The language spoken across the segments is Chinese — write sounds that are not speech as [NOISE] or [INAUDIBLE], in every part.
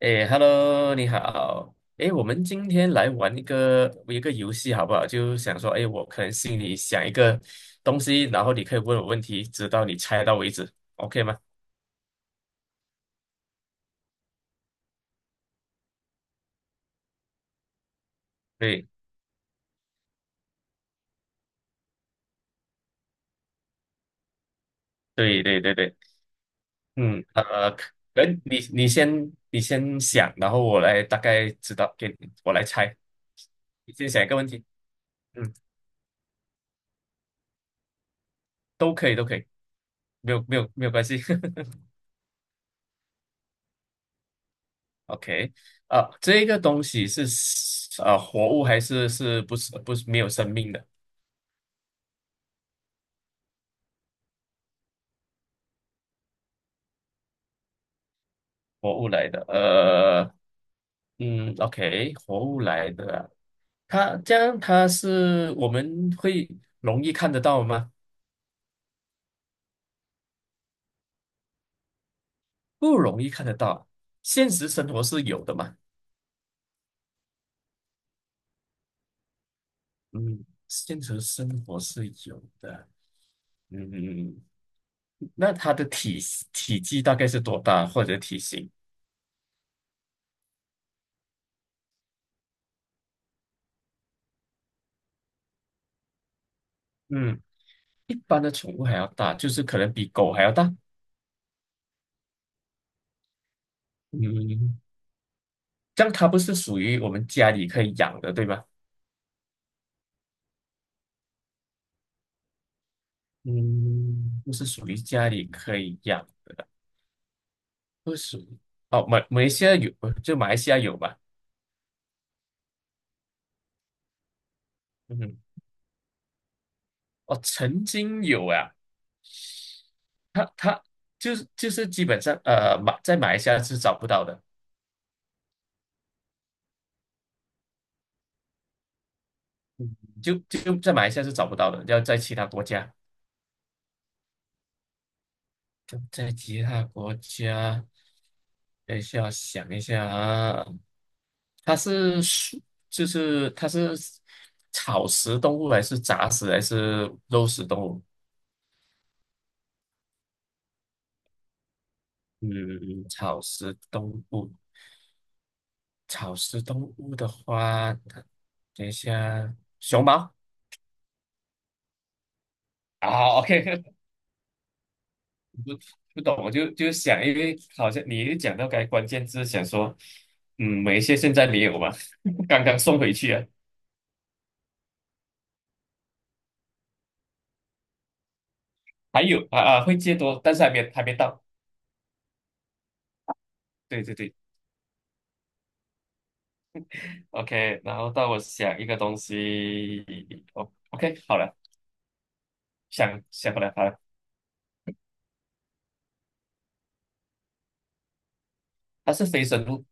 哎，Hello，你好。哎，我们今天来玩一个游戏好不好？就想说，哎，我可能心里想一个东西，然后你可以问我问题，直到你猜到为止，OK 吗？对，对，对，对，对。可能你先想，然后我来大概知道，给你我来猜。你先想一个问题，嗯，都可以，都可以，没有关系。[LAUGHS] OK，啊，这个东西是活物还是是不是没有生命的？活物来的，OK，活物来的啊它这样它是我们会容易看得到吗？不容易看得到，现实生活是有的嘛，嗯，现实生活是有的，嗯，那它的体积大概是多大或者体型？嗯，一般的宠物还要大，就是可能比狗还要大，嗯，这样它不是属于我们家里可以养的，对吧？嗯，不是属于家里可以养。不属于哦，马来西亚有，就马来西亚有吧？嗯哼，哦，曾经有啊，它就是基本上马在马来西亚是找不到的，就在马来西亚是找不到的，要在其他国家，就在其他国家，等一下想一下啊，它是树，就是它是草食动物还是杂食还是肉食动物？嗯，草食动物。草食动物的话，等一下，熊猫。啊，OK，[LAUGHS] 不不懂，我就想，因为好像你一讲到该关键字，想说，嗯，某一些现在没有吧，[LAUGHS] 刚刚送回去啊，还有啊，会借多，但是还没到。对对对，OK，然后到我想一个东西，哦，OK，好了，想想不来，好了，它是非生物，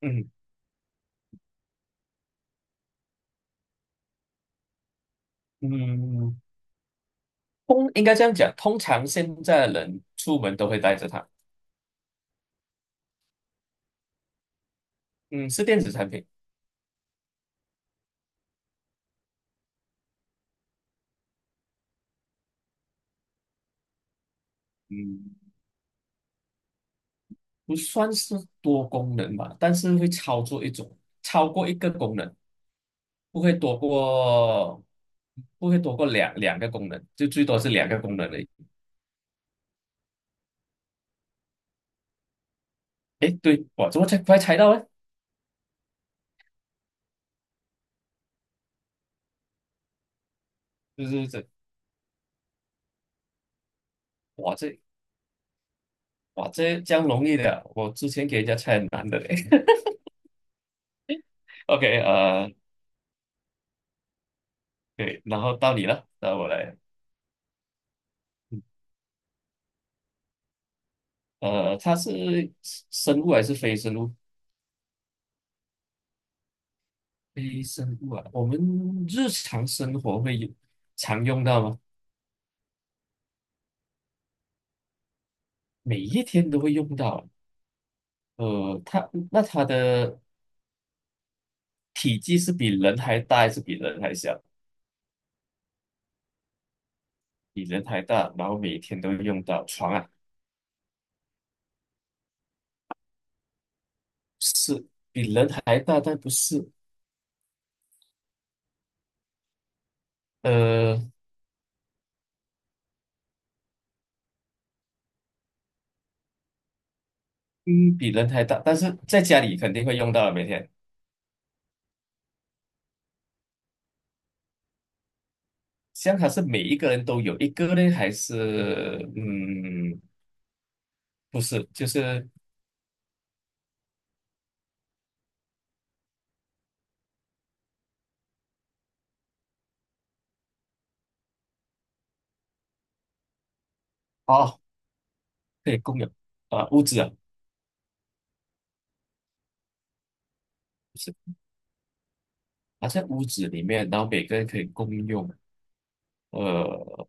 嗯嗯，应该这样讲，通常现在的人出门都会带着它。嗯，是电子产品，嗯，不算是多功能吧，但是会操作一种，超过一个功能，不会多过，不会多过两个功能，就最多是两个功能而已。诶，对，我怎么才快猜到呢？就是这，哇这哇这样容易的，我之前给人家猜很难的嘞。[LAUGHS] OK，对，然后到你了，到我来，嗯它是生物还是非生物？非生物啊，我们日常生活会有常用到吗？每一天都会用到。它它的体积是比人还大还是比人还小？比人还大，然后每一天都会用到床啊，是比人还大，但不是呃，嗯，比人还大，但是在家里肯定会用到的每天。像它是每一个人都有一个呢，还是嗯，不是，就是哦，可以共有啊，屋子啊，不是，啊，在屋子里面，然后每个人可以共用，呃，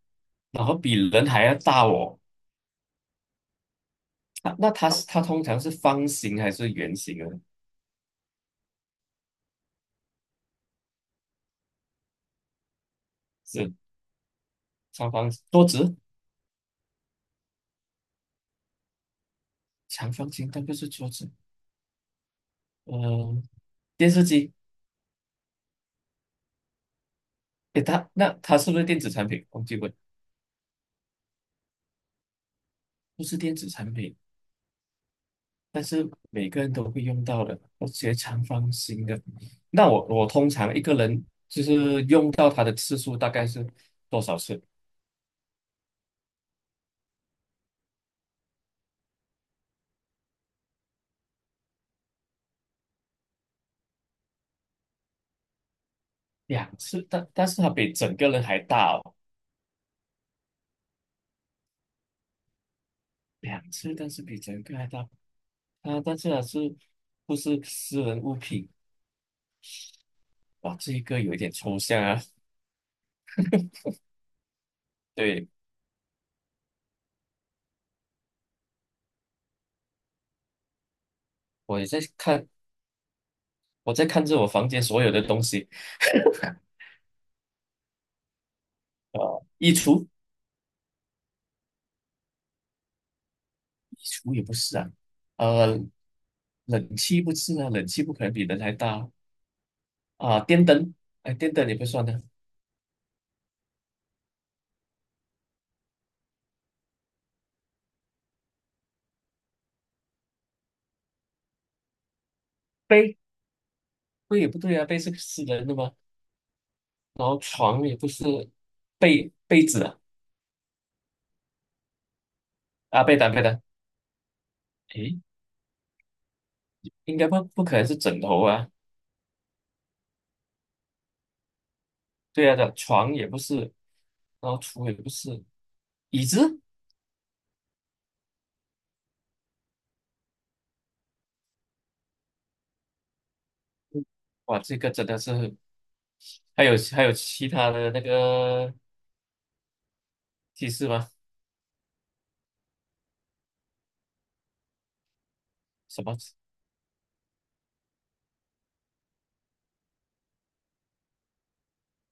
然后比人还要大哦。那它通常是方形还是圆形的？是长方形桌子，长方形，但不是桌子。嗯、电视机，诶，它它是不是电子产品？忘记问，不是电子产品，但是每个人都会用到的。而且长方形的，那我通常一个人就是用到它的次数大概是多少次？两次，但是它比整个人还大哦，两次，但是比整个还大。啊，但是它是不是私人物品？哇，这一个有一点抽象啊。对，我也在看，我在看着我房间所有的东西，衣橱，衣橱也不是啊，呃，冷气不是啊，冷气不可能比人还大哦啊，电灯，哎，电灯也不算的，被，被也不对啊，被是私人的嘛，然后床也不是被子啊，啊，被单被单，诶，应该不可能是枕头啊，对啊的，床也不是，然后橱也不是，椅子，哇，这个真的是。还有其他的那个提示吗？什么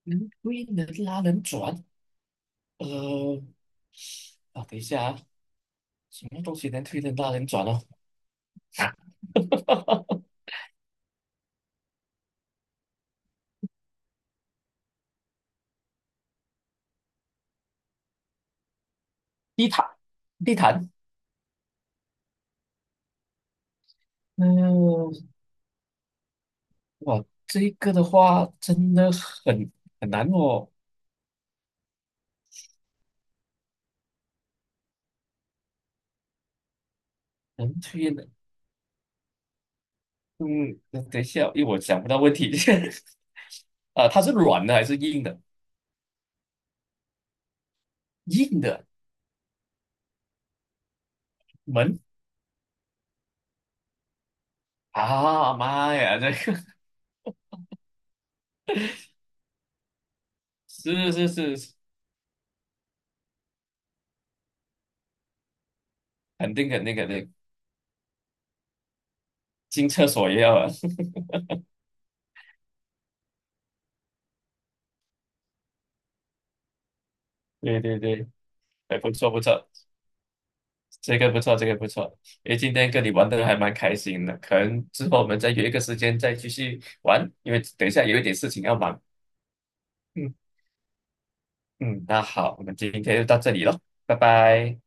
能推能拉能转？呃，等一下啊，什么东西能推能拉能转哦？[LAUGHS] 地毯，地毯。嗯、哇，这个的话真的很很难哦，能推能……嗯，等一下，因为我想不到问题。[LAUGHS] 啊，它是软的还是硬的？硬的门啊，妈呀，这个 [LAUGHS] 是是是，肯定肯定肯定。进厕所也要啊。[LAUGHS] 对对对，哎，不错不错，这个不错，这个不错。哎，今天跟你玩的还蛮开心的，可能之后我们再约一个时间再继续玩，因为等一下有一点事情要忙。嗯嗯，那好，我们今天就到这里了，拜拜。